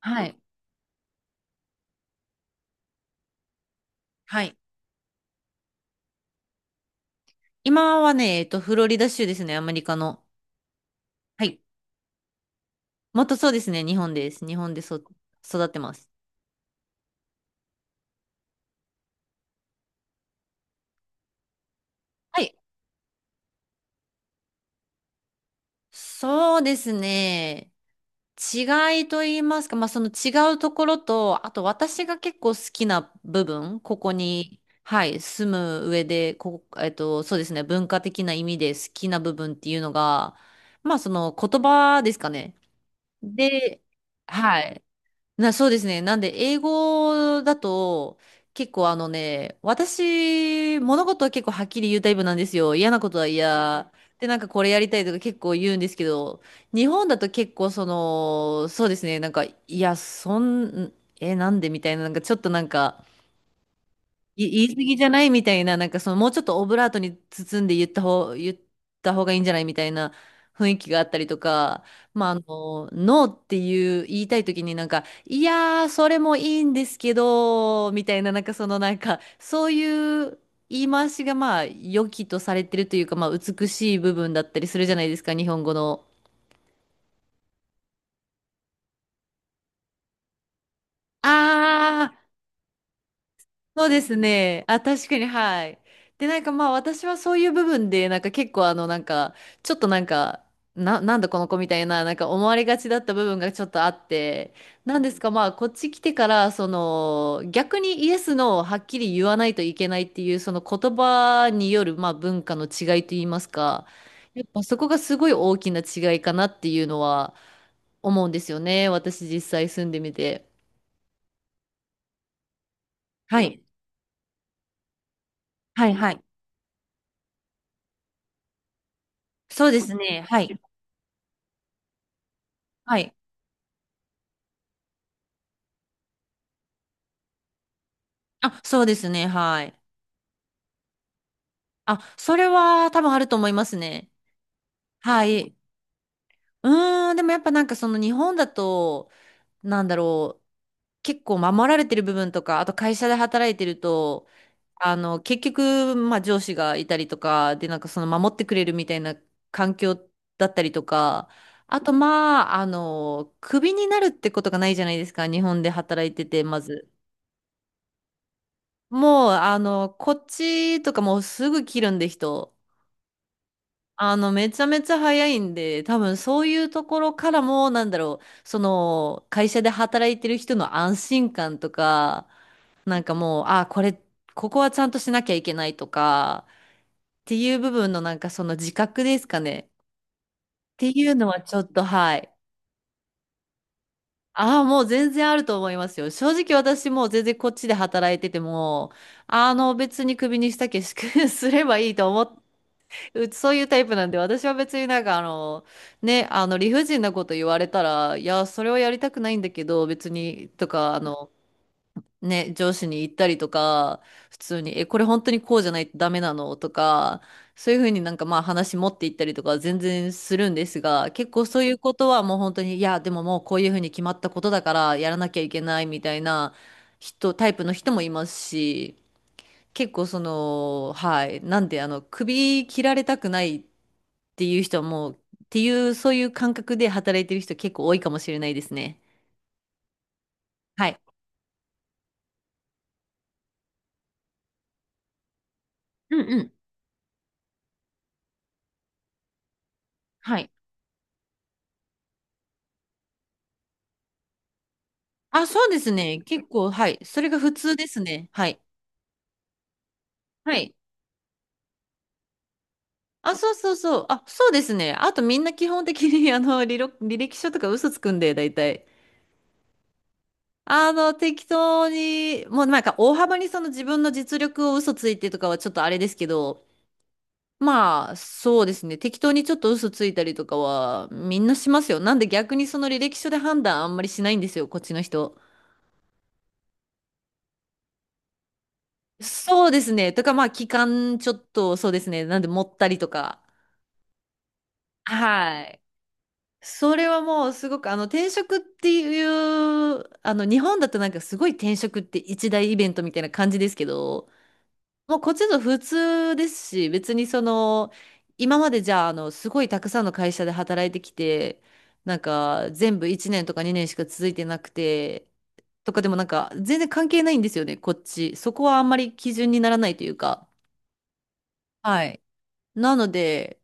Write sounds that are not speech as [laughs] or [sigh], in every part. はい。はい。今はね、フロリダ州ですね、アメリカの。はい。もっとそうですね、日本です。日本で育ってます。はい。そうですね。違いと言いますか、まあ、その違うところと、あと私が結構好きな部分、ここに、はい、住む上で、ここ、そうですね、文化的な意味で好きな部分っていうのが、まあ、その言葉ですかね。で、はい。そうですね。なんで、英語だと、結構あのね、私、物事は結構はっきり言うタイプなんですよ。嫌なことは嫌。で、なんかこれやりたいとか結構言うんですけど、日本だと結構その、そうですね、なんか、いや、なんでみたいな、なんかちょっとなんか、言い過ぎじゃないみたいな、なんかそのもうちょっとオブラートに包んで言った方がいいんじゃないみたいな雰囲気があったりとか、まあ、あの、ノーっていう言いたい時になんか、いやー、それもいいんですけど、みたいな、なんかそのなんか、そういう言い回しがまあ、良きとされてるというか、まあ、美しい部分だったりするじゃないですか、日本語の。あ、そうですね。あ、確かに、はい。で、なんかまあ私はそういう部分で、なんか結構あの、なんか、ちょっとなんか、なんだこの子みたいな、なんか思われがちだった部分がちょっとあって、なんですかまあこっち来てから、その、逆にイエスのをはっきり言わないといけないっていう、その言葉による、まあ文化の違いといいますか、やっぱそこがすごい大きな違いかなっていうのは思うんですよね。私実際住んでみて。はい。はいはい。そうですね。はい。はいあ、そうですね。はい。あ、それは多分あると思いますね。はい。うーん、でもやっぱなんかその日本だと、なんだろう、結構守られてる部分とか、あと会社で働いてると、あの、結局、まあ上司がいたりとか、で、なんかその守ってくれるみたいな環境だったりとか、あとまあ、あの、クビになるってことがないじゃないですか、日本で働いてて、まず。もう、あの、こっちとかもうすぐ切るんで人。あの、めちゃめちゃ早いんで、多分そういうところからも、なんだろう、その、会社で働いてる人の安心感とか、なんかもう、あ、これ、ここはちゃんとしなきゃいけないとか、っていう部分のなんかその自覚ですかね。っていうのはちょっと、はい。ああ、もう全然あると思いますよ。正直私もう全然こっちで働いてても、あの、別にクビにしたけし [laughs] すればいいと思っうちそういうタイプなんで、私は別になんかあの、ね、あの理不尽なこと言われたら、いや、それはやりたくないんだけど、別に、とか、あの、ね、上司に言ったりとか、普通に、え、これ本当にこうじゃないとダメなのとか、そういうふうになんかまあ話持っていったりとかは全然するんですが、結構そういうことはもう本当に、いや、でももうこういうふうに決まったことだからやらなきゃいけないみたいなタイプの人もいますし、結構その、はい。なんで、あの、首切られたくないっていう人はもう、っていう、そういう感覚で働いてる人結構多いかもしれないですね。はい。うんうん。はい。あ、そうですね。結構、はい。それが普通ですね。はい。はい。あ、そうそうそう。あ、そうですね。あとみんな基本的に、[laughs] あの、履歴書とか嘘つくんで、大体。あの、適当に、もうなんか大幅にその自分の実力を嘘ついてとかはちょっとあれですけど、まあ、そうですね。適当にちょっと嘘ついたりとかは、みんなしますよ。なんで逆にその履歴書で判断あんまりしないんですよ、こっちの人。そうですね。とか、まあ、期間ちょっと、そうですね。なんで持ったりとか。はい。それはもうすごく、あの、転職っていう、あの、日本だとなんかすごい転職って一大イベントみたいな感じですけど、もうこっちの普通ですし、別にその、今までじゃあ、あの、すごいたくさんの会社で働いてきて、なんか、全部1年とか2年しか続いてなくて、とかでもなんか、全然関係ないんですよね、こっち。そこはあんまり基準にならないというか。はい。なので、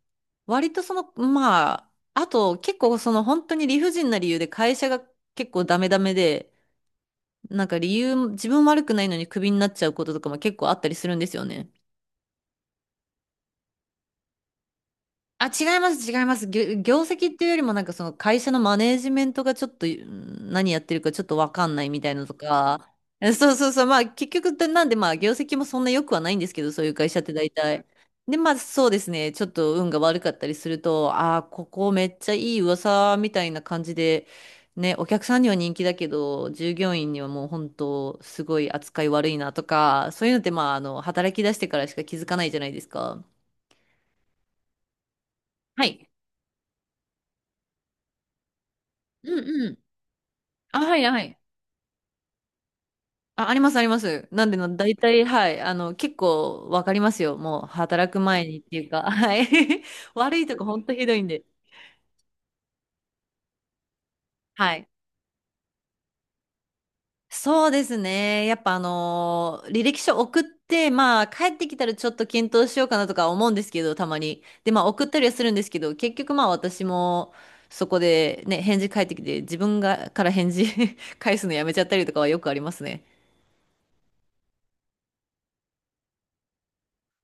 割とその、まあ、あと結構その本当に理不尽な理由で会社が結構ダメダメで、なんか理由、自分悪くないのにクビになっちゃうこととかも結構あったりするんですよね。あ、違います、違います。業績っていうよりも、なんかその会社のマネージメントがちょっとうん何やってるかちょっとわかんないみたいなのとか、えそうそうそう、まあ結局、でなんでまあ業績もそんな良くはないんですけど、そういう会社って大体。で、まあそうですね、ちょっと運が悪かったりすると、ああ、ここめっちゃいい噂みたいな感じで、ね、お客さんには人気だけど、従業員にはもう本当、すごい扱い悪いなとか、そういうのってまあ、あの、働き出してからしか気づかないじゃないですか。はい。うんあ、はい、はい。あ、あります、あります。なんでの、大体、はい。あの、結構わかりますよ。もう、働く前にっていうか、[laughs] はい。[laughs] 悪いとこ、ほんとひどいんで。はい。そうですね。やっぱ、あのー履歴書送って、まあ、帰ってきたらちょっと検討しようかなとか思うんですけど、たまに。で、まあ、送ったりはするんですけど、結局、まあ、私も、そこで、ね、返事返ってきて、自分が、から返事 [laughs] 返すのやめちゃったりとかはよくありますね。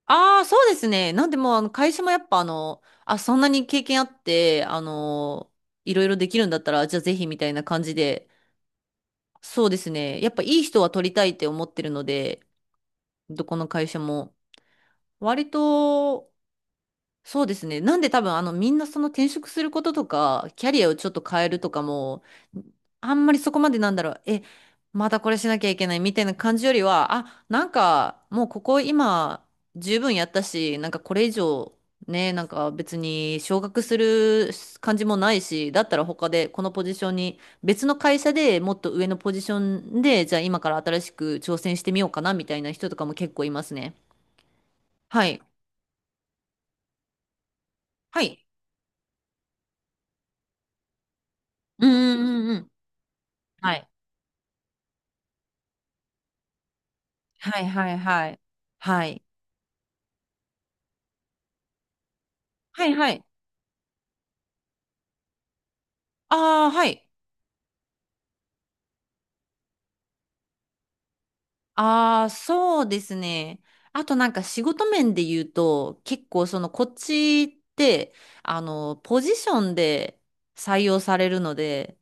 ああ、そうですね。なんでもう、あの、会社もやっぱ、あの、あ、そんなに経験あって、あの、いろいろできるんだったら、じゃあぜひみたいな感じで、そうですね。やっぱいい人は取りたいって思ってるので、どこの会社も。割と、そうですね。なんで多分あのみんなその転職することとか、キャリアをちょっと変えるとかも、あんまりそこまでなんだろう、え、またこれしなきゃいけないみたいな感じよりは、あ、なんかもうここ今十分やったし、なんかこれ以上ね、なんか別に昇格する感じもないし、だったら他でこのポジションに、別の会社でもっと上のポジションで、じゃあ今から新しく挑戦してみようかなみたいな人とかも結構いますね。はい。はい。うんうんうんうん。はいはいはいはい。はい。はいはい。ああ、はい。ああ、そうですね。あとなんか仕事面で言うと、結構そのこっちって、あの、ポジションで採用されるので、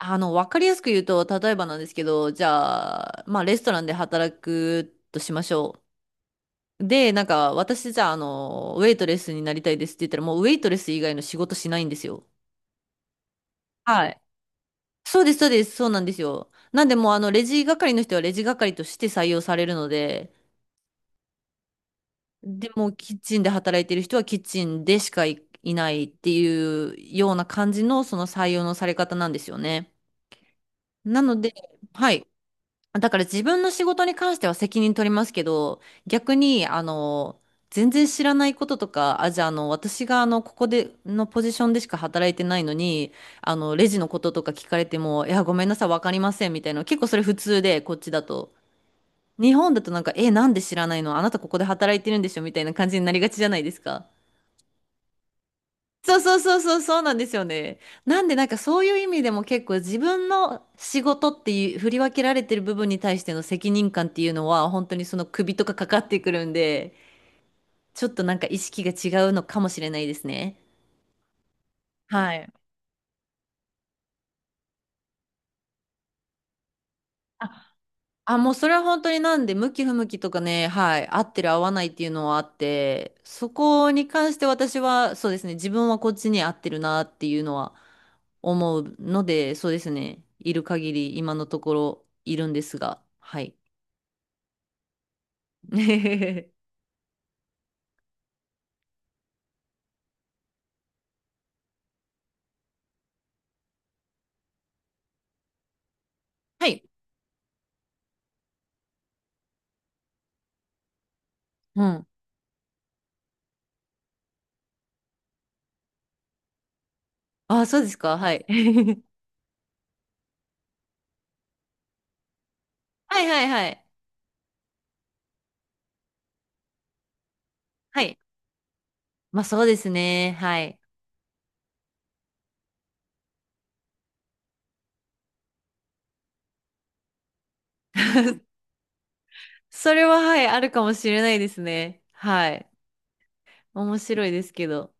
あの、わかりやすく言うと、例えばなんですけど、じゃあ、まあ、レストランで働くとしましょう。で、なんか、私じゃあ、あの、ウェイトレスになりたいですって言ったら、もうウェイトレス以外の仕事しないんですよ。はい、そうです、そうです、そうなんですよ。なんでもうあの、レジ係の人はレジ係として採用されるので、でもうキッチンで働いてる人はキッチンでしかい、いないっていうような感じのその採用のされ方なんですよね。なので、はい。だから自分の仕事に関しては責任取りますけど、逆に、あの、全然知らないこととか、あ、じゃあ、あの、私が、あの、ここで、のポジションでしか働いてないのに、あの、レジのこととか聞かれても、いや、ごめんなさい、わかりません、みたいな。結構それ普通で、こっちだと。日本だとなんか、え、なんで知らないのあなたここで働いてるんでしょみたいな感じになりがちじゃないですか。そうそうそうそうそうなんですよね。なんでなんかそういう意味でも結構自分の仕事っていう振り分けられてる部分に対しての責任感っていうのは本当にその首とかかかってくるんで、ちょっとなんか意識が違うのかもしれないですね。はい。あ、もうそれは本当になんで、向き不向きとかね、はい、合ってる合わないっていうのはあって、そこに関して私は、そうですね、自分はこっちに合ってるなっていうのは思うので、そうですね、いる限り今のところいるんですが、はい。[laughs] はい。うん。あ、そうですか、はい。[laughs] はいはいはい。はい。まあそうですね、はい。[laughs] それははい、あるかもしれないですね。はい。面白いですけど。